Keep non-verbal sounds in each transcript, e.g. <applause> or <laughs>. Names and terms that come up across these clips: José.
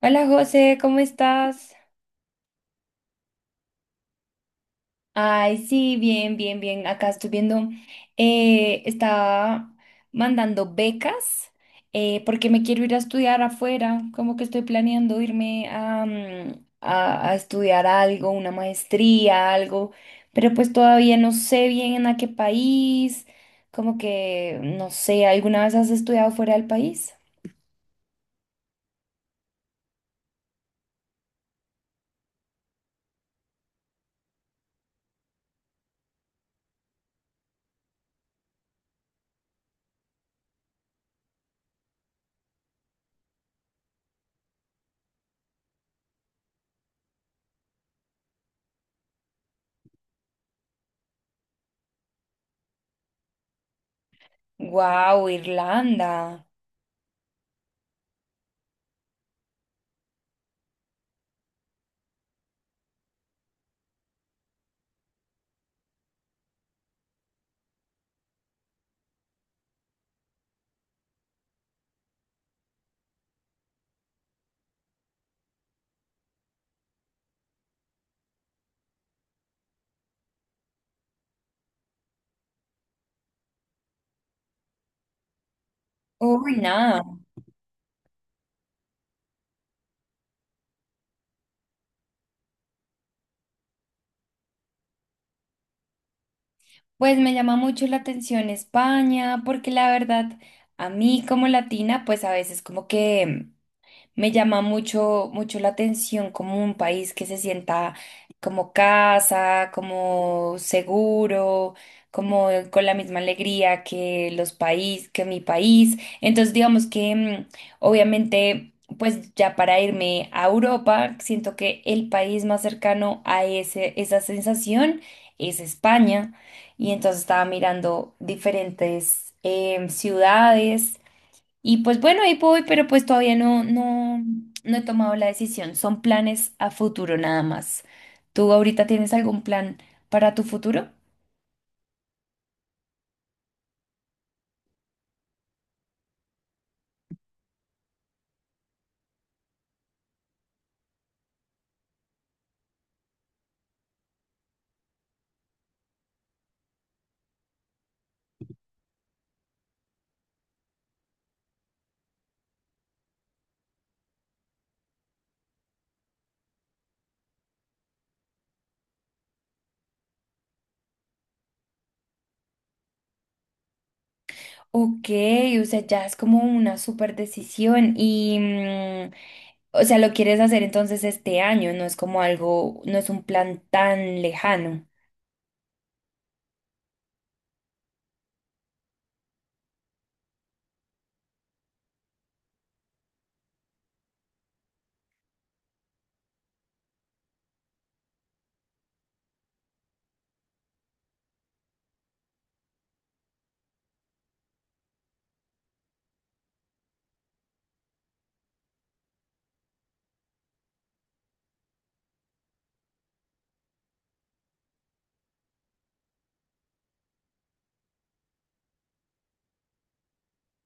Hola José, ¿cómo estás? Ay, sí, bien, bien, bien. Acá estoy viendo, estaba mandando becas porque me quiero ir a estudiar afuera, como que estoy planeando irme a, a estudiar algo, una maestría, algo, pero pues todavía no sé bien a qué país, como que, no sé, ¿alguna vez has estudiado fuera del país? Wow, Irlanda. Uy, nada. Pues me llama mucho la atención España, porque la verdad, a mí como latina, pues a veces como que me llama mucho, mucho la atención como un país que se sienta como casa, como seguro, como con la misma alegría que los países, que mi país. Entonces, digamos que obviamente, pues ya para irme a Europa, siento que el país más cercano a ese, esa sensación es España. Y entonces estaba mirando diferentes ciudades y pues bueno, ahí voy, pero pues todavía no he tomado la decisión. Son planes a futuro nada más. ¿Tú ahorita tienes algún plan para tu futuro? Ok, o sea, ya es como una super decisión y, o sea, lo quieres hacer entonces este año, no es como algo, no es un plan tan lejano.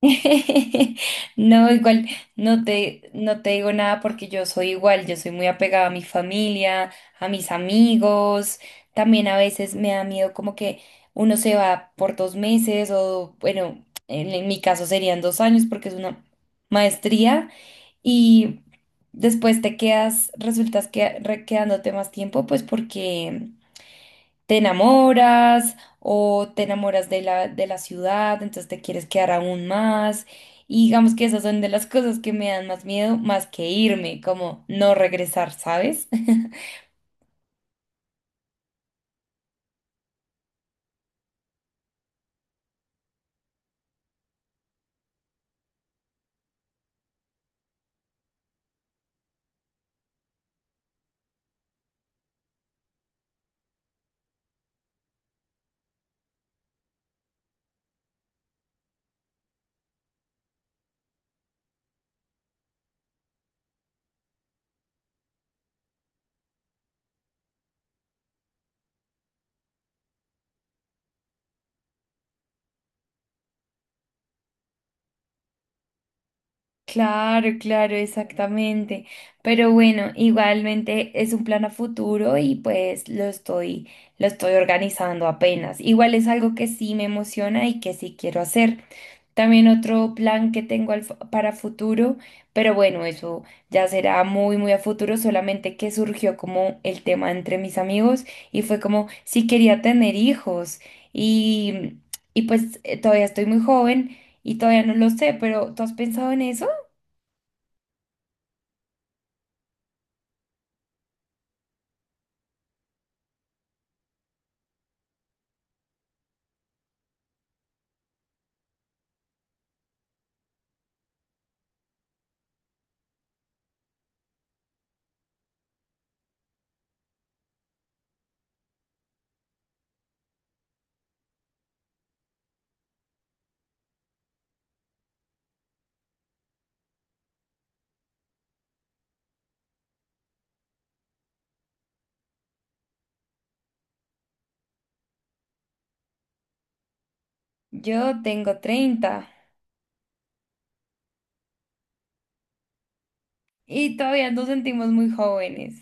<laughs> No, igual, no te digo nada porque yo soy igual, yo soy muy apegada a mi familia, a mis amigos, también a veces me da miedo como que uno se va por 2 meses o bueno, en mi caso serían 2 años porque es una maestría y después te quedas, quedándote más tiempo pues porque te enamoras o te enamoras de de la ciudad, entonces te quieres quedar aún más. Y digamos que esas son de las cosas que me dan más miedo, más que irme, como no regresar, ¿sabes? <laughs> Claro, claro, exactamente. Pero bueno, igualmente es un plan a futuro y pues lo estoy organizando apenas. Igual es algo que sí me emociona y que sí quiero hacer. También otro plan que tengo para futuro, pero bueno, eso ya será muy, muy a futuro, solamente que surgió como el tema entre mis amigos y fue como si quería tener hijos y, y pues todavía estoy muy joven y todavía no lo sé, pero ¿tú has pensado en eso? Yo tengo 30 y todavía nos sentimos muy jóvenes.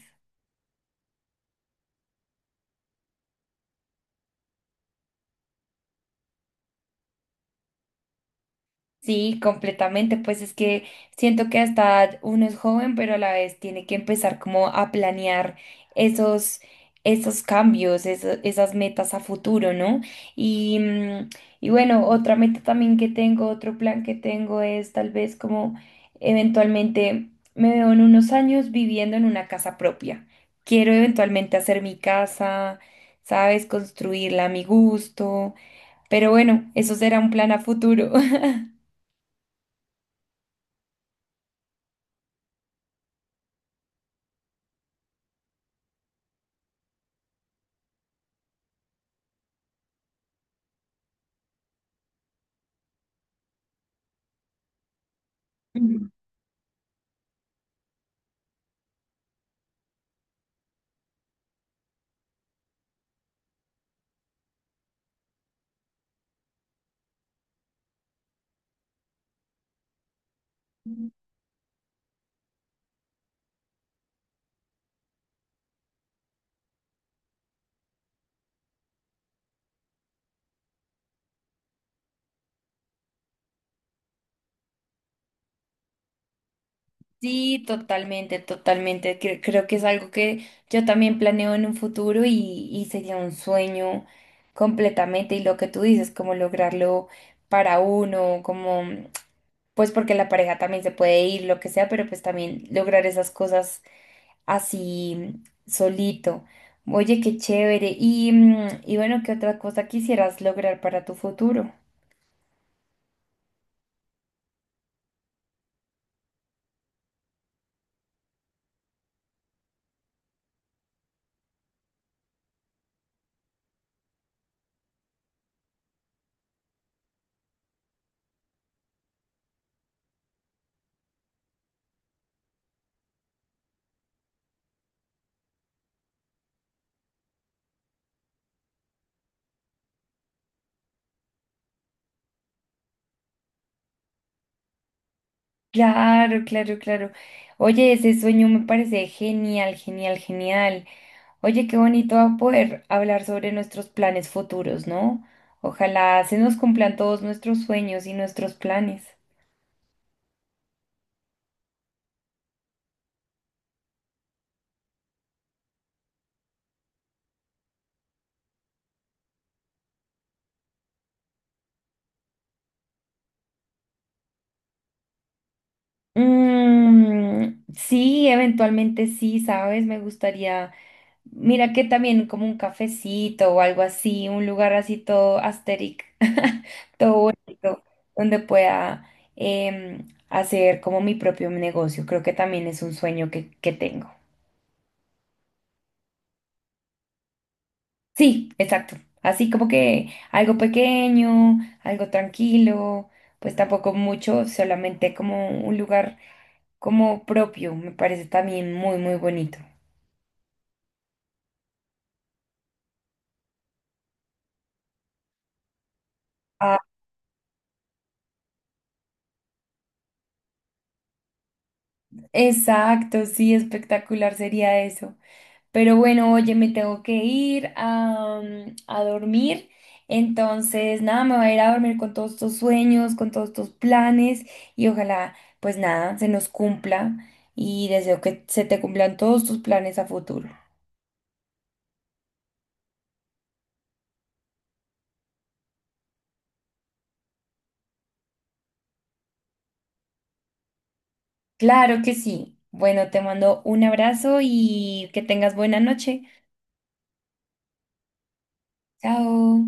Sí, completamente, pues es que siento que hasta uno es joven, pero a la vez tiene que empezar como a planear esos, esos cambios, esas metas a futuro, ¿no? Y, y bueno, otra meta también que tengo, otro plan que tengo es tal vez como eventualmente me veo en unos años viviendo en una casa propia. Quiero eventualmente hacer mi casa, ¿sabes? Construirla a mi gusto, pero bueno, eso será un plan a futuro. <laughs> Sí, totalmente, totalmente. Creo, que es algo que yo también planeo en un futuro y sería un sueño completamente. Y lo que tú dices, como lograrlo para uno, como pues porque la pareja también se puede ir, lo que sea, pero pues también lograr esas cosas así solito. Oye, qué chévere. Y, y bueno, ¿qué otra cosa quisieras lograr para tu futuro? Claro, claro, claro. Oye, ese sueño me parece genial, genial, genial. Oye, qué bonito va a poder hablar sobre nuestros planes futuros, ¿no? Ojalá se nos cumplan todos nuestros sueños y nuestros planes. Mm, sí, eventualmente sí, ¿sabes? Me gustaría, mira que también como un cafecito o algo así, un lugar así todo asteric, <laughs> todo bonito, donde pueda hacer como mi propio negocio. Creo que también es un sueño que tengo. Sí, exacto. Así como que algo pequeño, algo tranquilo, pues tampoco mucho, solamente como un lugar como propio, me parece también muy, muy bonito. Ah, exacto, sí, espectacular sería eso. Pero bueno, oye, me tengo que ir a, a dormir. Entonces, nada, me voy a ir a dormir con todos estos sueños, con todos estos planes y ojalá, pues nada, se nos cumpla y deseo que se te cumplan todos tus planes a futuro. Claro que sí. Bueno, te mando un abrazo y que tengas buena noche. Chao.